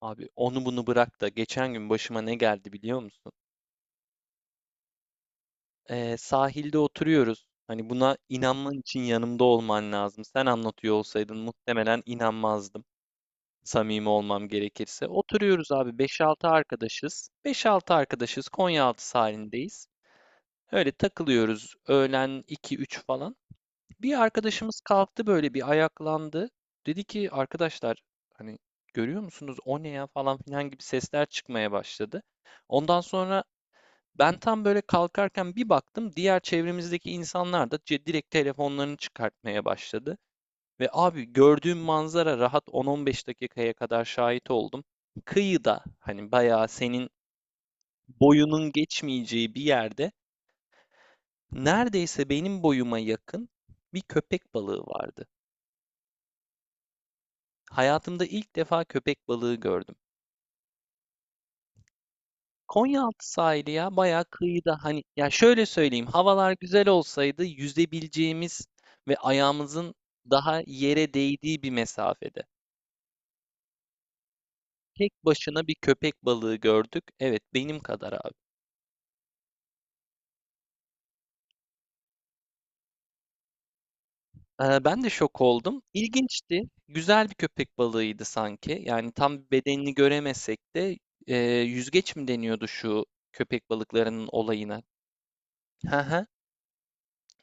Abi onu bunu bırak da geçen gün başıma ne geldi biliyor musun? Sahilde oturuyoruz. Hani buna inanman için yanımda olman lazım. Sen anlatıyor olsaydın muhtemelen inanmazdım. Samimi olmam gerekirse. Oturuyoruz abi beş altı arkadaşız. Beş altı arkadaşız Konyaaltı sahilindeyiz. Öyle takılıyoruz öğlen iki üç falan. Bir arkadaşımız kalktı böyle bir ayaklandı. Dedi ki arkadaşlar hani görüyor musunuz o ne ya falan filan gibi sesler çıkmaya başladı. Ondan sonra ben tam böyle kalkarken bir baktım diğer çevremizdeki insanlar da direkt telefonlarını çıkartmaya başladı. Ve abi gördüğüm manzara rahat 10-15 dakikaya kadar şahit oldum. Kıyıda hani bayağı senin boyunun geçmeyeceği bir yerde neredeyse benim boyuma yakın bir köpek balığı vardı. Hayatımda ilk defa köpek balığı gördüm. Konyaaltı sahili ya bayağı kıyıda hani ya şöyle söyleyeyim havalar güzel olsaydı yüzebileceğimiz ve ayağımızın daha yere değdiği bir mesafede. Tek başına bir köpek balığı gördük. Evet benim kadar abi. Ben de şok oldum. İlginçti. Güzel bir köpek balığıydı sanki. Yani tam bedenini göremesek de yüzgeç mi deniyordu şu köpek balıklarının olayına? Hı hı.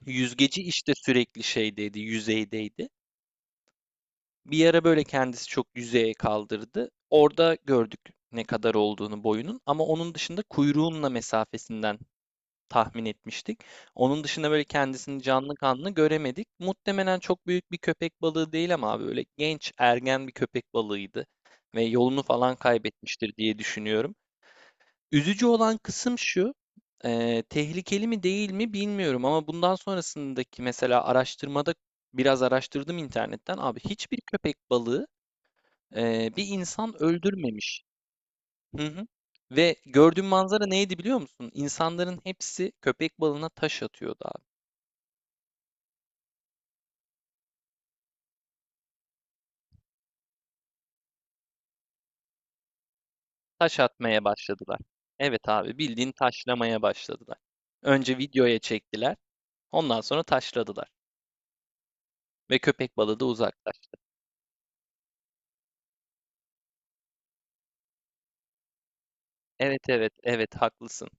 Yüzgeci işte sürekli şeydeydi, yüzeydeydi. Bir ara böyle kendisi çok yüzeye kaldırdı. Orada gördük ne kadar olduğunu boyunun ama onun dışında kuyruğunla mesafesinden tahmin etmiştik. Onun dışında böyle kendisini canlı kanlı göremedik. Muhtemelen çok büyük bir köpek balığı değil ama abi böyle genç ergen bir köpek balığıydı ve yolunu falan kaybetmiştir diye düşünüyorum. Üzücü olan kısım şu, tehlikeli mi değil mi bilmiyorum ama bundan sonrasındaki mesela araştırmada biraz araştırdım internetten abi hiçbir köpek balığı bir insan öldürmemiş. Hı hı. Ve gördüğüm manzara neydi biliyor musun? İnsanların hepsi köpek balığına taş atıyordu abi. Taş atmaya başladılar. Evet abi, bildiğin taşlamaya başladılar. Önce videoya çektiler, ondan sonra taşladılar ve köpek balığı da uzaklaştı. Evet, evet, evet, haklısın.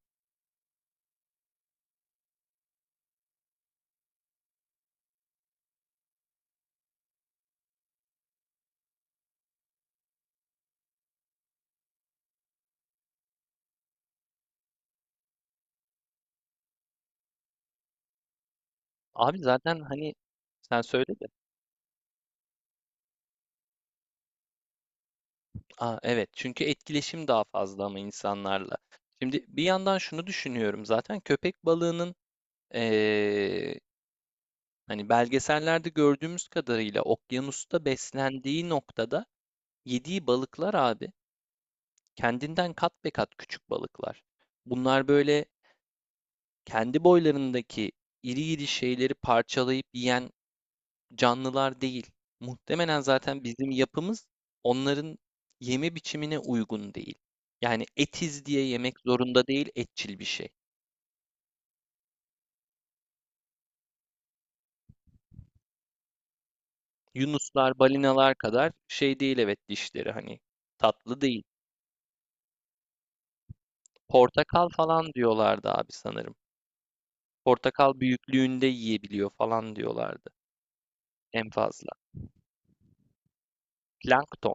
Abi zaten hani sen söyle de. Aa, evet çünkü etkileşim daha fazla ama insanlarla. Şimdi bir yandan şunu düşünüyorum zaten köpek balığının hani belgesellerde gördüğümüz kadarıyla okyanusta beslendiği noktada yediği balıklar abi kendinden kat be kat küçük balıklar. Bunlar böyle kendi boylarındaki iri iri şeyleri parçalayıp yiyen canlılar değil. Muhtemelen zaten bizim yapımız onların yeme biçimine uygun değil. Yani etiz diye yemek zorunda değil, etçil bir şey. Yunuslar, balinalar kadar şey değil evet dişleri hani tatlı değil. Portakal falan diyorlardı abi sanırım. Portakal büyüklüğünde yiyebiliyor falan diyorlardı en fazla. Plankton.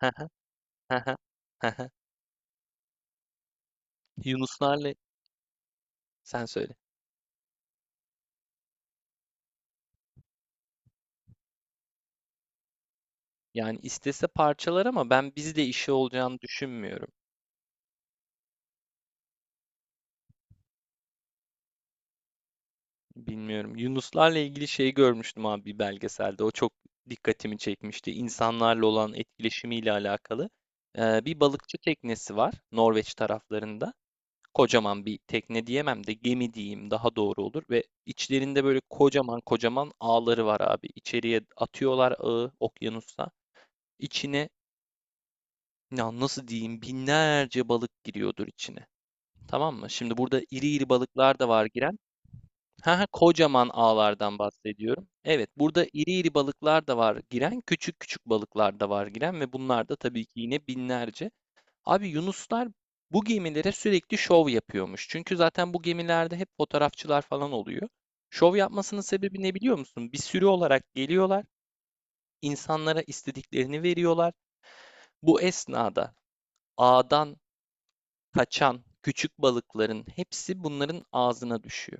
Yunuslarla sen söyle. Yani istese parçalar ama ben bizle işi olacağını düşünmüyorum. Bilmiyorum. Yunuslarla ilgili şeyi görmüştüm abi bir belgeselde. O çok dikkatimi çekmişti. İnsanlarla olan etkileşimiyle alakalı. Bir balıkçı teknesi var Norveç taraflarında. Kocaman bir tekne diyemem de gemi diyeyim daha doğru olur ve içlerinde böyle kocaman kocaman ağları var abi. İçeriye atıyorlar ağı okyanusta. İçine ya nasıl diyeyim binlerce balık giriyordur içine. Tamam mı? Şimdi burada iri iri balıklar da var giren. Ha, ha, kocaman ağlardan bahsediyorum. Evet, burada iri iri balıklar da var giren, küçük küçük balıklar da var giren ve bunlar da tabii ki yine binlerce. Abi Yunuslar bu gemilere sürekli şov yapıyormuş. Çünkü zaten bu gemilerde hep fotoğrafçılar falan oluyor. Şov yapmasının sebebi ne biliyor musun? Bir sürü olarak geliyorlar, insanlara istediklerini veriyorlar. Bu esnada ağdan kaçan küçük balıkların hepsi bunların ağzına düşüyor.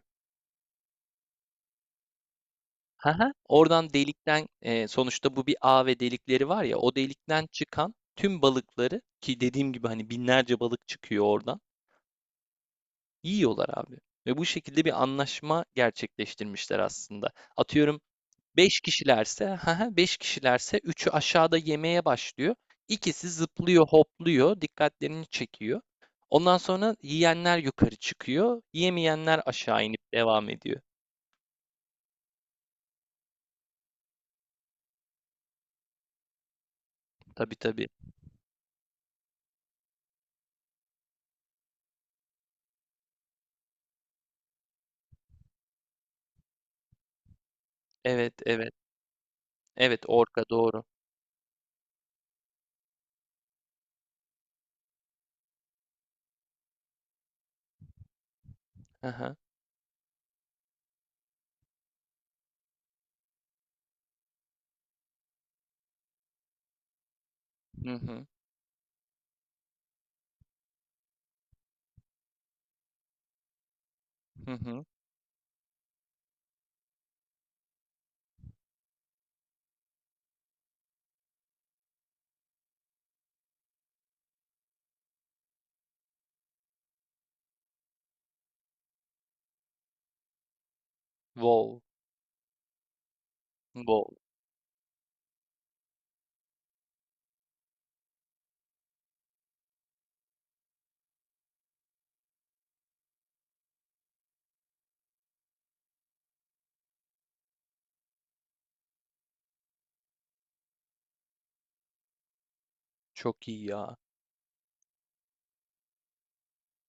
Haha, oradan delikten sonuçta bu bir ağ ve delikleri var ya o delikten çıkan tüm balıkları ki dediğim gibi hani binlerce balık çıkıyor oradan. Yiyorlar abi ve bu şekilde bir anlaşma gerçekleştirmişler aslında. Atıyorum 5 kişilerse, 5 kişilerse üçü aşağıda yemeye başlıyor. İkisi zıplıyor, hopluyor, dikkatlerini çekiyor. Ondan sonra yiyenler yukarı çıkıyor, yemeyenler aşağı inip devam ediyor. Tabii, tabii. Evet, evet. Evet, orka doğru. Hı hı. Hı hı. Hı hı. Wow. Wow. Çok iyi ya.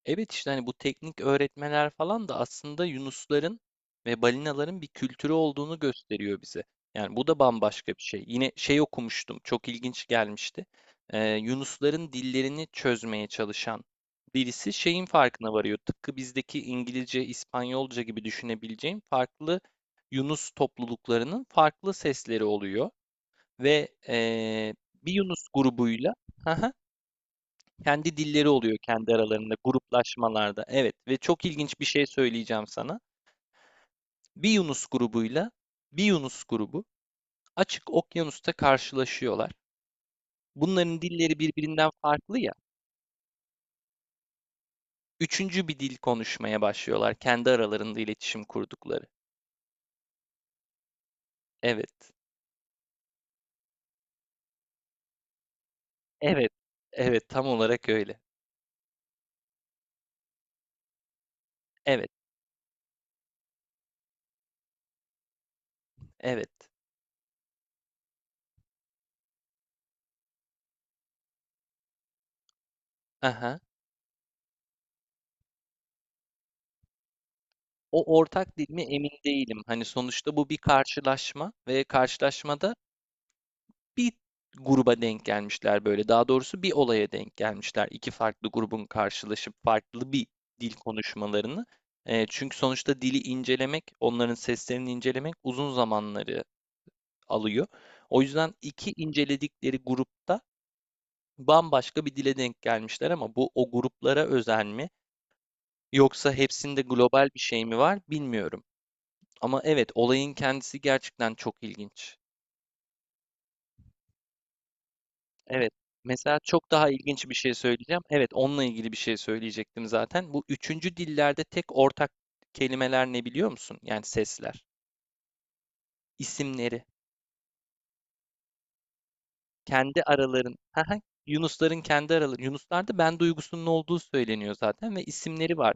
Evet, işte, hani, bu teknik öğretmeler falan da aslında yunusların ve balinaların bir kültürü olduğunu gösteriyor bize. Yani, bu da bambaşka bir şey. Yine şey okumuştum, çok ilginç gelmişti. Yunusların dillerini çözmeye çalışan birisi şeyin farkına varıyor. Tıpkı bizdeki İngilizce, İspanyolca gibi düşünebileceğin farklı yunus topluluklarının farklı sesleri oluyor ve, bir yunus grubuyla kendi dilleri oluyor kendi aralarında gruplaşmalarda. Evet ve çok ilginç bir şey söyleyeceğim sana. Bir Yunus grubuyla bir Yunus grubu açık okyanusta karşılaşıyorlar. Bunların dilleri birbirinden farklı ya. Üçüncü bir dil konuşmaya başlıyorlar kendi aralarında iletişim kurdukları. Evet. Evet. Evet tam olarak öyle. Evet. Evet. Aha. O ortak dil mi emin değilim. Hani sonuçta bu bir karşılaşma ve karşılaşmada bir gruba denk gelmişler böyle. Daha doğrusu bir olaya denk gelmişler. İki farklı grubun karşılaşıp farklı bir dil konuşmalarını. Çünkü sonuçta dili incelemek, onların seslerini incelemek uzun zamanları alıyor. O yüzden iki inceledikleri grupta bambaşka bir dile denk gelmişler ama bu o gruplara özel mi yoksa hepsinde global bir şey mi var bilmiyorum. Ama evet olayın kendisi gerçekten çok ilginç. Evet. Mesela çok daha ilginç bir şey söyleyeceğim. Evet, onunla ilgili bir şey söyleyecektim zaten. Bu üçüncü dillerde tek ortak kelimeler ne biliyor musun? Yani sesler, isimleri, kendi araların. Haha, Yunusların kendi araları. Yunuslarda ben duygusunun olduğu söyleniyor zaten ve isimleri var.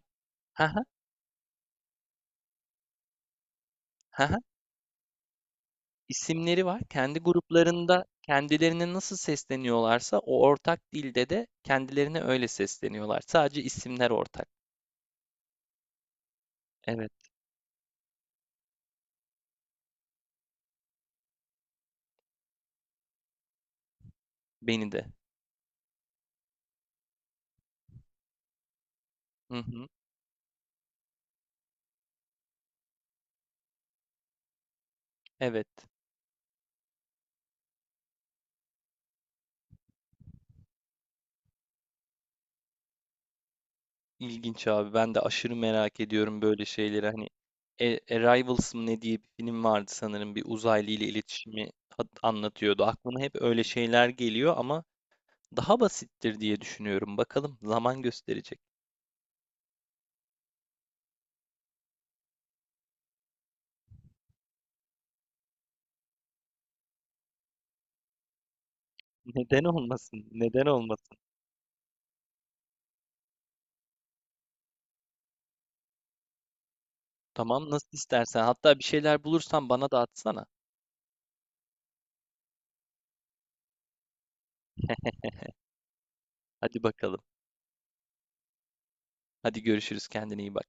Haha, haha, isimleri var. Kendi gruplarında kendilerine nasıl sesleniyorlarsa o ortak dilde de kendilerine öyle sesleniyorlar. Sadece isimler ortak. Evet, beni de. Hı hı, evet. İlginç abi. Ben de aşırı merak ediyorum böyle şeyleri. Hani Arrivals mı ne diye bir film vardı sanırım. Bir uzaylı ile iletişimi anlatıyordu. Aklıma hep öyle şeyler geliyor ama daha basittir diye düşünüyorum. Bakalım zaman gösterecek. Neden olmasın? Neden olmasın? Tamam nasıl istersen. Hatta bir şeyler bulursan bana da atsana. Hadi bakalım. Hadi görüşürüz. Kendine iyi bak.